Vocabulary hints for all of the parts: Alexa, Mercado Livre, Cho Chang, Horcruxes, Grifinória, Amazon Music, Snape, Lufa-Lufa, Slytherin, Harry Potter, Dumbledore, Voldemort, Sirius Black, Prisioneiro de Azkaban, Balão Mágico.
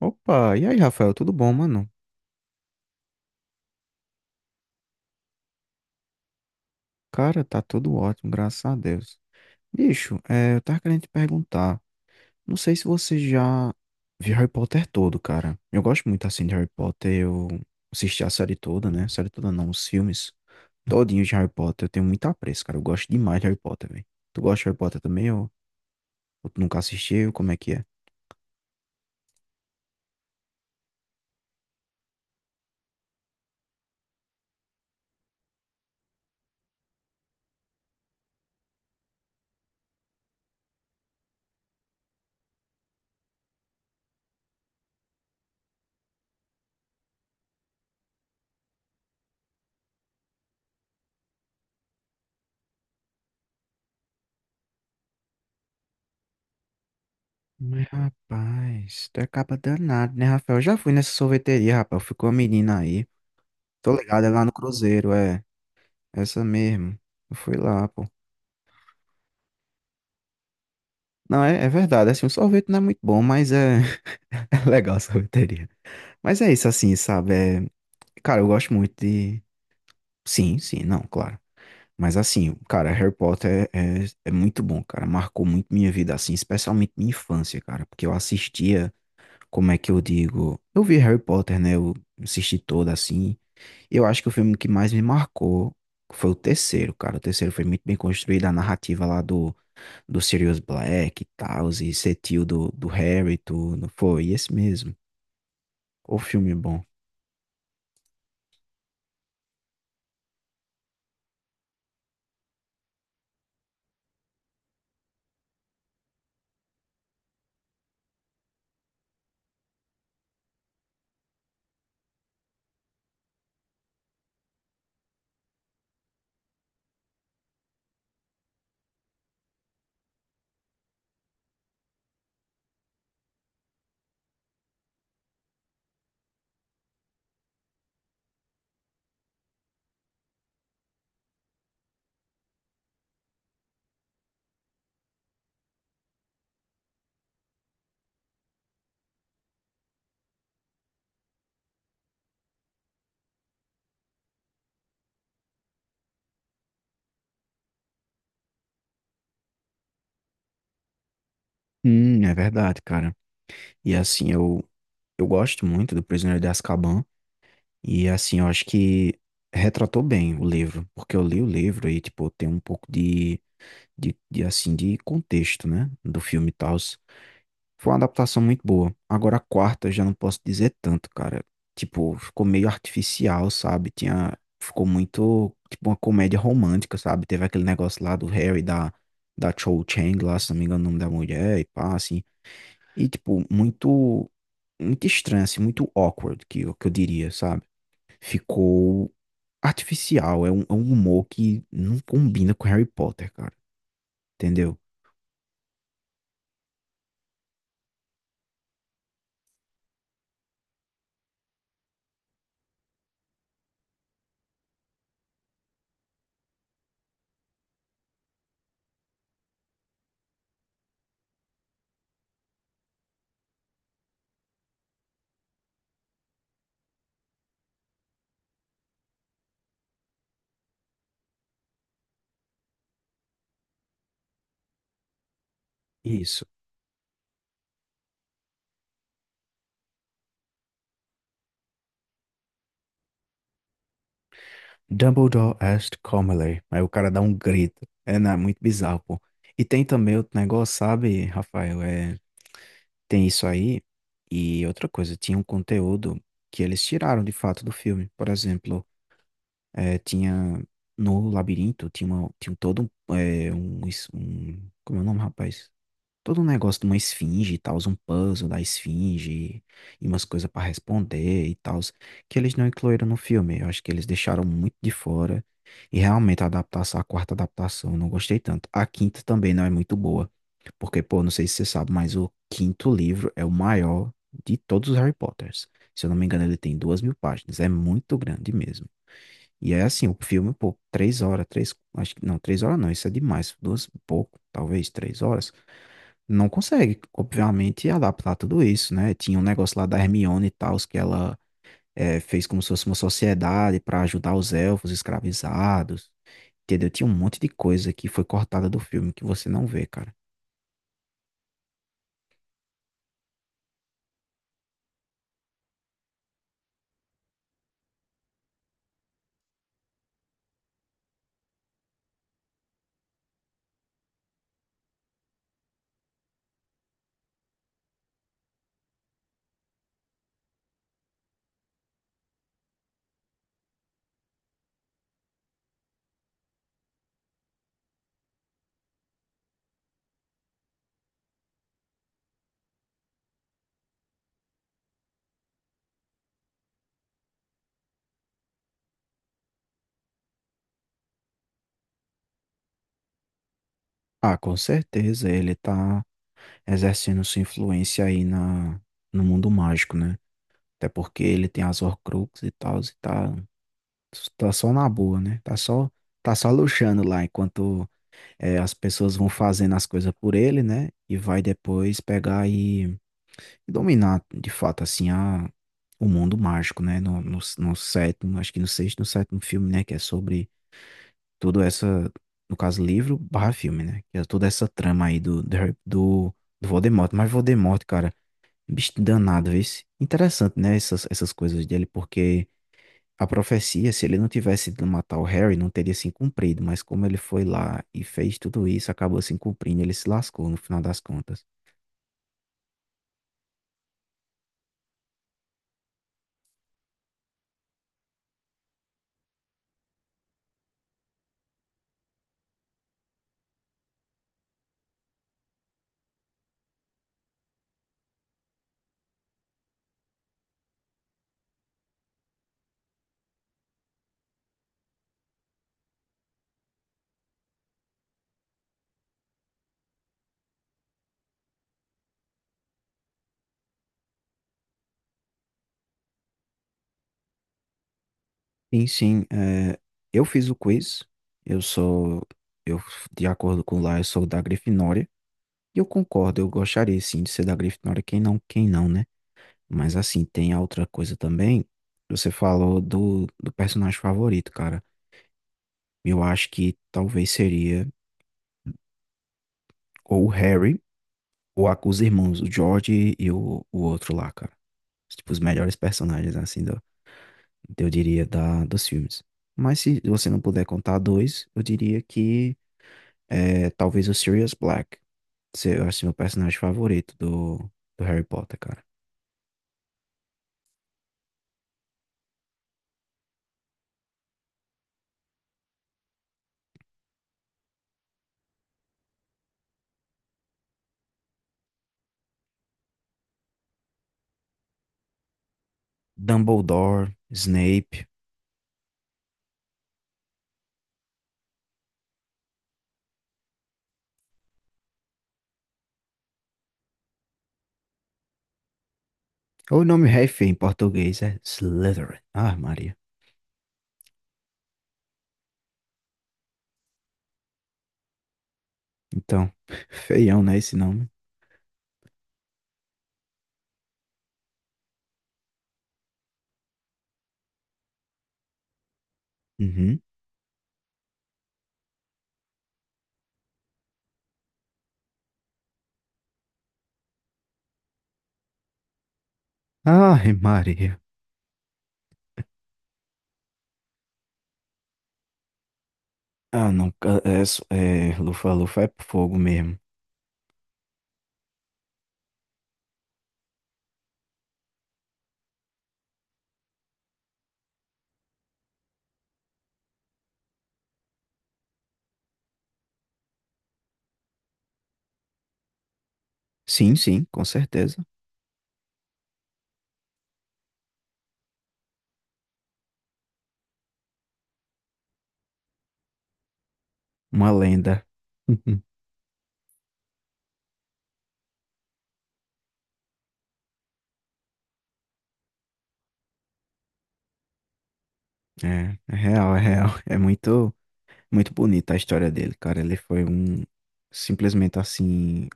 Opa, e aí, Rafael, tudo bom, mano? Cara, tá tudo ótimo, graças a Deus. Bicho, eu tava querendo te perguntar. Não sei se você já viu Harry Potter todo, cara. Eu gosto muito assim de Harry Potter. Eu assisti a série toda, né? Série toda não, os filmes todinhos de Harry Potter. Eu tenho muito apreço, cara. Eu gosto demais de Harry Potter, velho. Tu gosta de Harry Potter também ou tu nunca assistiu? Como é que é? Mas, rapaz, tu é caba danado, né, Rafael? Eu já fui nessa sorveteria, rapaz. Ficou a menina aí. Tô ligado, é lá no Cruzeiro, é. Essa mesmo. Eu fui lá, pô. Não, é, é verdade. Assim, o sorvete não é muito bom, mas é, é legal a sorveteria. Mas é isso, assim, sabe? Cara, eu gosto muito de. Sim, sim, não, claro. Mas assim, cara, Harry Potter é muito bom, cara. Marcou muito minha vida, assim, especialmente minha infância, cara. Porque eu assistia, como é que eu digo? Eu vi Harry Potter, né? Eu assisti toda, assim. Eu acho que o filme que mais me marcou foi o terceiro, cara. O terceiro foi muito bem construído, a narrativa lá do Sirius Black e tal, e ser tio do, do Harry e tudo. Foi esse mesmo. O filme bom. É verdade, cara. E assim, eu gosto muito do Prisioneiro de Azkaban. E assim, eu acho que retratou bem o livro. Porque eu li o livro e, tipo, tem um pouco de assim, de contexto, né? Do filme e tal. Foi uma adaptação muito boa. Agora a quarta eu já não posso dizer tanto, cara. Tipo, ficou meio artificial, sabe? Tinha, ficou muito, tipo, uma comédia romântica, sabe? Teve aquele negócio lá do Harry, da, da Cho Chang lá, se não me engano, o nome da mulher e pá, assim. E, tipo, muito estranho, assim, muito awkward, que eu diria, sabe? Ficou artificial, é um humor que não combina com Harry Potter, cara. Entendeu? Isso. Dumbledore asked Comely. Aí o cara dá um grito. É, não, é muito bizarro, pô. E tem também outro negócio, sabe, Rafael? É, tem isso aí. E outra coisa, tinha um conteúdo que eles tiraram de fato do filme. Por exemplo, é, tinha no labirinto, tinha, uma, tinha todo um, é, um, es- um. Como é o nome, rapaz? Todo um negócio de uma esfinge e tal, um puzzle da esfinge e umas coisas pra responder e tal, que eles não incluíram no filme. Eu acho que eles deixaram muito de fora. E realmente a adaptação, a quarta adaptação, eu não gostei tanto. A quinta também não é muito boa. Porque, pô, não sei se você sabe, mas o quinto livro é o maior de todos os Harry Potters. Se eu não me engano, ele tem 2.000 páginas. É muito grande mesmo. E é assim, o filme, pô, três horas não, isso é demais. Duas, e pouco, talvez três horas não consegue, obviamente, adaptar tudo isso, né? Tinha um negócio lá da Hermione e tal, que ela fez como se fosse uma sociedade para ajudar os elfos escravizados, entendeu? Tinha um monte de coisa que foi cortada do filme que você não vê, cara. Ah, com certeza, ele tá exercendo sua influência aí na, no mundo mágico, né? Até porque ele tem as Horcruxes e tal, tá só na boa, né? Tá só luxando lá enquanto. É, as pessoas vão fazendo as coisas por ele, né? E vai depois pegar e dominar, de fato, assim, a, o mundo mágico, né? No sétimo, acho que no sexto, no sétimo filme, né? Que é sobre toda essa, no caso, livro barra filme, né? Que é toda essa trama aí do do Voldemort. Mas Voldemort, cara, um bicho danado, esse. Interessante, né? Essas coisas dele, porque a profecia, se ele não tivesse ido matar o Harry, não teria se cumprido, mas como ele foi lá e fez tudo isso, acabou se cumprindo, ele se lascou no final das contas. Sim, sim, é, eu fiz o quiz, eu sou, eu, de acordo com lá, eu sou da Grifinória, e eu concordo, eu gostaria sim de ser da Grifinória, quem não, né? Mas assim, tem a outra coisa também, você falou do, do personagem favorito, cara, eu acho que talvez seria ou o Harry, o os irmãos, o George o outro lá, cara. Tipo, os melhores personagens, assim, do, eu diria, da, dos filmes. Mas se você não puder contar dois, eu diria que é, talvez o Sirius Black. Eu acho meu personagem favorito do, do Harry Potter, cara. Dumbledore, Snape. Ou o nome é feio em português, é Slytherin. Ah, Maria. Então, feião, né, esse nome? Uhum. Ai, Maria. Ah, não, ca- é, so- é, Lufa-Lufa é fogo mesmo. Sim, sim, com certeza. Uma lenda. É, é real, é real. É muito, muito bonita a história dele, cara. Ele foi um simplesmente assim,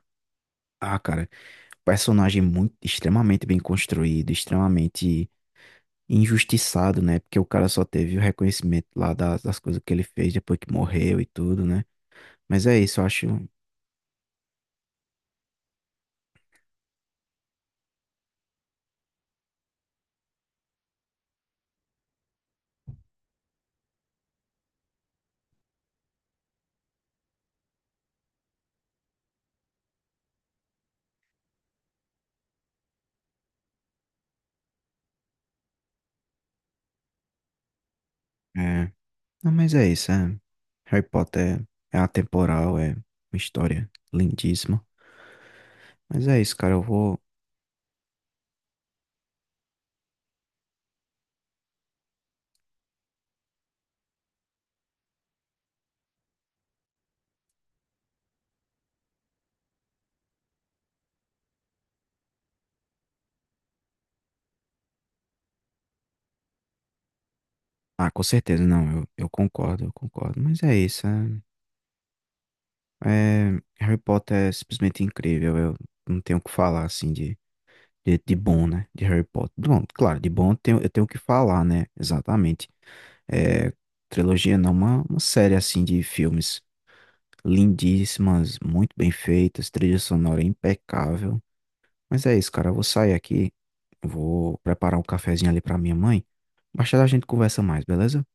ah, cara, personagem muito extremamente bem construído, extremamente injustiçado, né? Porque o cara só teve o reconhecimento lá das, das coisas que ele fez depois que morreu e tudo, né? Mas é isso, eu acho. É, não, mas é isso. É. Harry Potter é atemporal, é uma história lindíssima. Mas é isso, cara. Eu vou. Ah, com certeza, não, eu concordo, eu concordo. Mas é isso, é- Harry Potter é simplesmente incrível, eu não tenho o que falar, assim, de bom, né, de Harry Potter. Bom, claro, de bom eu tenho o que falar, né, exatamente. É, trilogia não, uma série, assim, de filmes lindíssimas, muito bem feitas, trilha sonora impecável. Mas é isso, cara, eu vou sair aqui, eu vou preparar um cafezinho ali pra minha mãe. Mais tarde a gente conversa mais, beleza?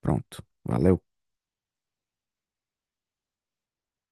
Pronto, valeu.